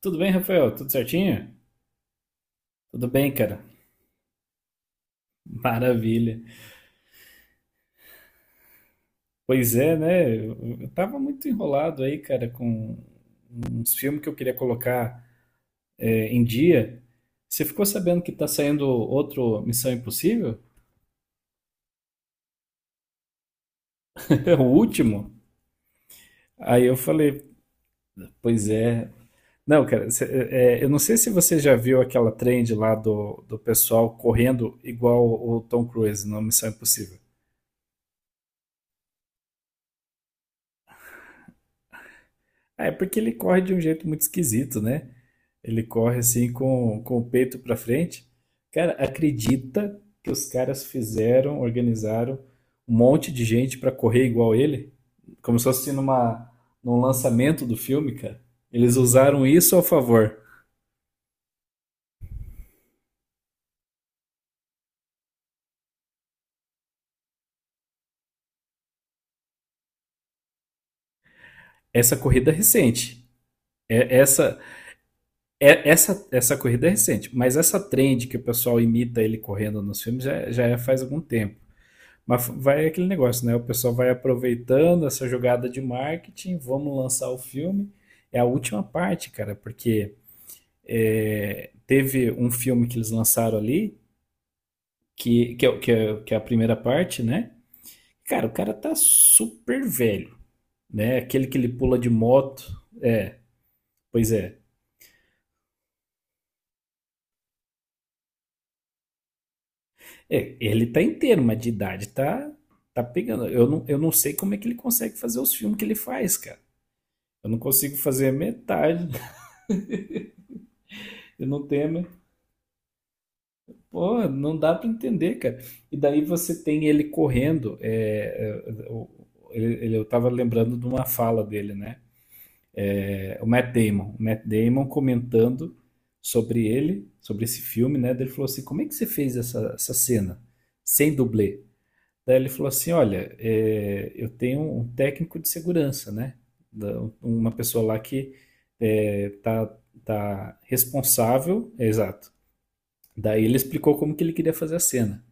Tudo bem, Rafael? Tudo certinho? Tudo bem, cara. Maravilha. Pois é, né? Eu tava muito enrolado aí, cara, com uns filmes que eu queria colocar em dia. Você ficou sabendo que tá saindo outro Missão Impossível? O último? Aí eu falei, pois é. Não, cara, eu não sei se você já viu aquela trend lá do pessoal correndo igual o Tom Cruise no Missão Impossível. É porque ele corre de um jeito muito esquisito, né? Ele corre assim com o peito pra frente. Cara, acredita que os caras fizeram, organizaram um monte de gente pra correr igual ele? Como se fosse num lançamento do filme, cara. Eles usaram isso ao favor. Essa corrida é recente. É, essa, essa corrida é recente. Mas essa trend que o pessoal imita ele correndo nos filmes já é faz algum tempo. Mas vai aquele negócio, né? O pessoal vai aproveitando essa jogada de marketing, vamos lançar o filme. É a última parte, cara, porque teve um filme que eles lançaram ali, que, é, o- que é a primeira parte, né? Cara, o cara tá super velho, né? Aquele que ele pula de moto. Pois é. É, ele tá inteiro, mas de idade tá pegando. Eu não sei como é que ele consegue fazer os filmes que ele faz, cara. Eu não consigo fazer metade. Eu não tenho. Pô, não dá pra entender, cara. E daí você tem ele correndo. Eu tava lembrando de uma fala dele, né? O Matt Damon. O Matt Damon comentando sobre ele, sobre esse filme, né? Daí ele falou assim: Como é que você fez essa cena sem dublê? Daí ele falou assim: Olha, eu tenho um técnico de segurança, né? Uma pessoa lá que é, tá, tá responsável. É, exato. Daí ele explicou como que ele queria fazer a cena.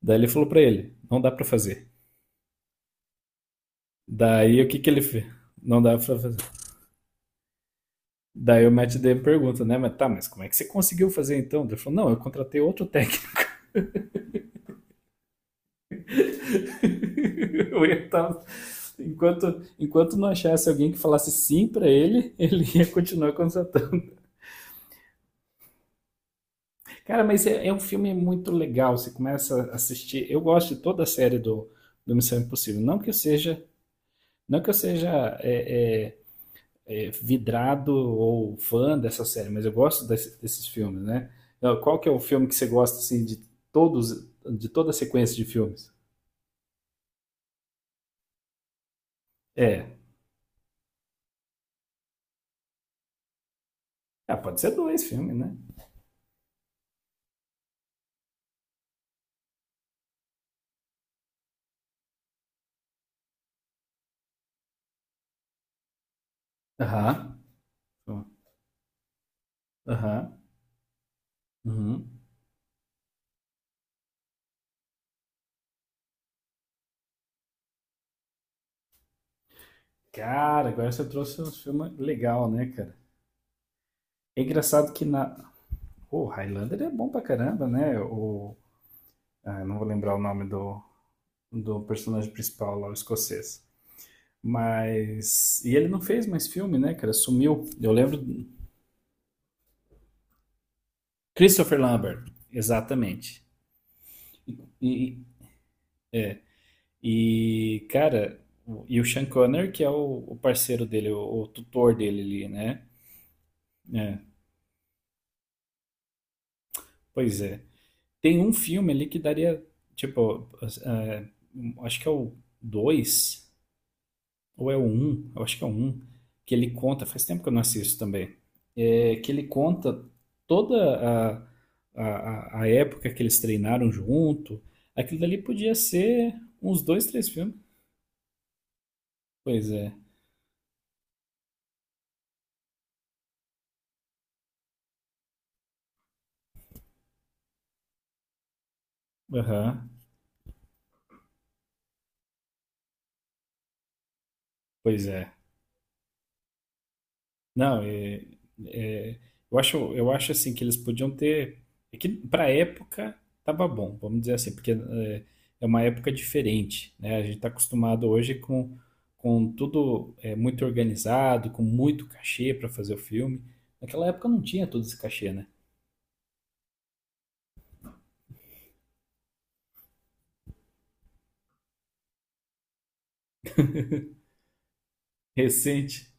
Daí ele falou pra ele, não dá pra fazer. Daí o que que ele fez? Não dá pra fazer. Daí o Matt Damon pergunta, né? Mas tá, mas como é que você conseguiu fazer então? Ele falou, não, eu contratei outro técnico. Eu ia estar... Enquanto, enquanto não achasse alguém que falasse sim pra ele, ele ia continuar contratando. Cara, mas é um filme muito legal. Você começa a assistir. Eu gosto de toda a série do Missão Impossível. Não que eu seja é, é, vidrado ou fã dessa série, mas eu gosto desses filmes, né? Então, qual que é o filme que você gosta, assim, todos, de toda a sequência de filmes? É. Ah, pode ser dois filmes, né? Aham. Aham. Uhum. Cara, agora você trouxe um filme legal, né, cara? É engraçado que na. O Highlander é bom pra caramba, né? O... Ah, eu não vou lembrar o nome do personagem principal lá, o escocês. Mas. E ele não fez mais filme, né, cara? Sumiu. Eu lembro Christopher Lambert, exatamente. E, e, cara, e o Sean Connery, que é o parceiro dele, o tutor dele ali, né? É, pois é. Tem um filme ali que daria, tipo, é, acho que é o 2 ou é o um, eu acho que é o um, que ele conta, faz tempo que eu não assisto também, que ele conta toda a, a época que eles treinaram junto, aquilo dali podia ser uns dois, três filmes. Pois é. Aham. Pois é. Não, é, eu acho, assim que eles podiam ter. É que para época tava bom, vamos dizer assim, porque é uma época diferente, né? A gente está acostumado hoje com tudo muito organizado, com muito cachê para fazer o filme. Naquela época não tinha todo esse cachê, né? Recente.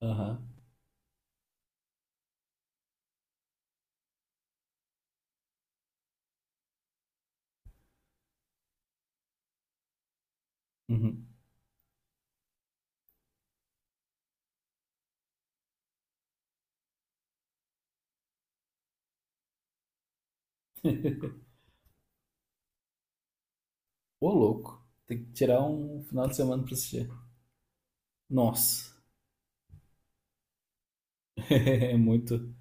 Aham. Uhum. Ô, louco. Tem que tirar um final de semana para assistir. Nossa, é muito.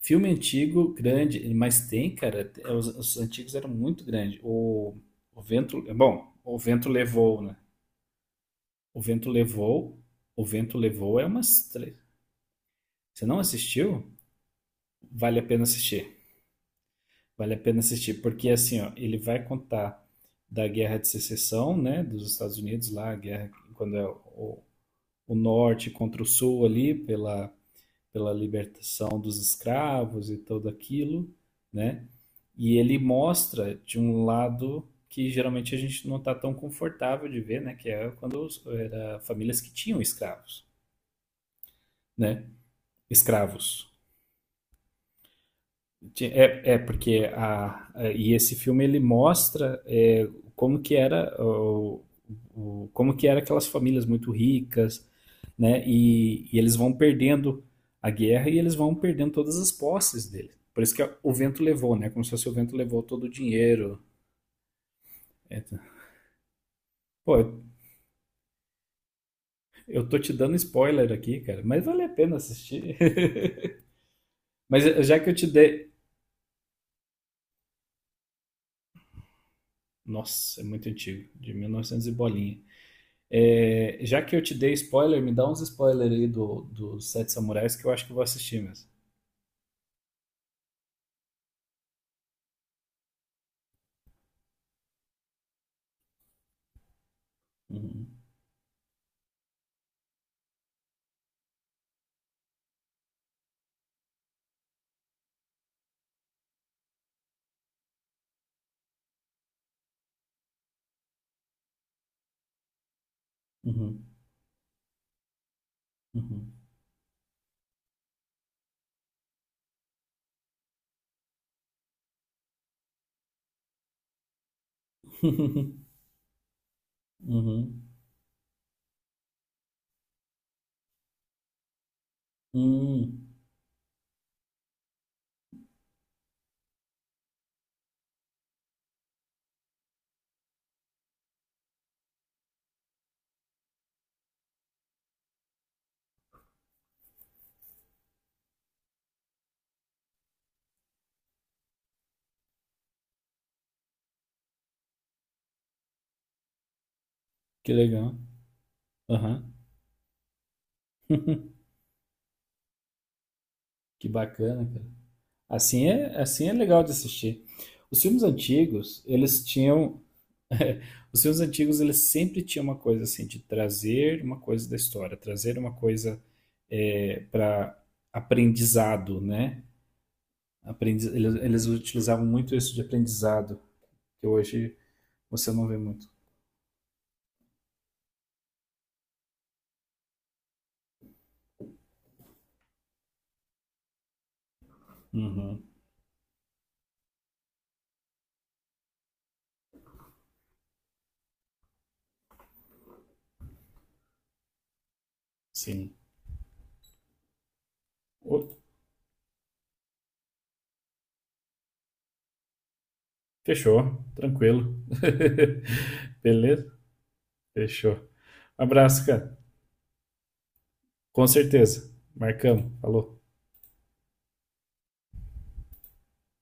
Filme antigo, grande, mas tem, cara. Os antigos eram muito grandes. O vento levou, né? O vento levou. O vento levou é umas três. Você não assistiu? Vale a pena assistir. Vale a pena assistir, porque assim, ó, ele vai contar da Guerra de Secessão, né? Dos Estados Unidos lá, a guerra, quando é o norte contra o sul ali, pela libertação dos escravos e tudo aquilo, né? E ele mostra de um lado que geralmente a gente não está tão confortável de ver, né? Que é quando era famílias que tinham escravos, né? Escravos. É porque e esse filme ele mostra como que era como que era aquelas famílias muito ricas, né? E eles vão perdendo a guerra e eles vão perdendo todas as posses dele. Por isso que o vento levou, né? Como se fosse o vento levou todo o dinheiro. É, tá. Pô, eu tô te dando spoiler aqui, cara, mas vale a pena assistir. Mas já que eu te dei, nossa, é muito antigo, de 1900 e novecentos e bolinha. É, já que eu te dei spoiler, me dá uns spoilers aí dos Sete Samurais que eu acho que eu vou assistir mesmo. Uhum, uhum, uhum. Uhum. Hum, que legal. Aham, que bacana, cara. Assim é legal de assistir. Os filmes antigos, eles tinham. Os filmes antigos, eles sempre tinham uma coisa assim, de trazer uma coisa da história, trazer uma coisa para aprendizado, né? Eles, utilizavam muito isso de aprendizado que hoje você não vê muito. Uhum, sim. Ô, fechou, tranquilo. Beleza? Fechou. Abraço, cara. Com certeza. Marcamos. Falou.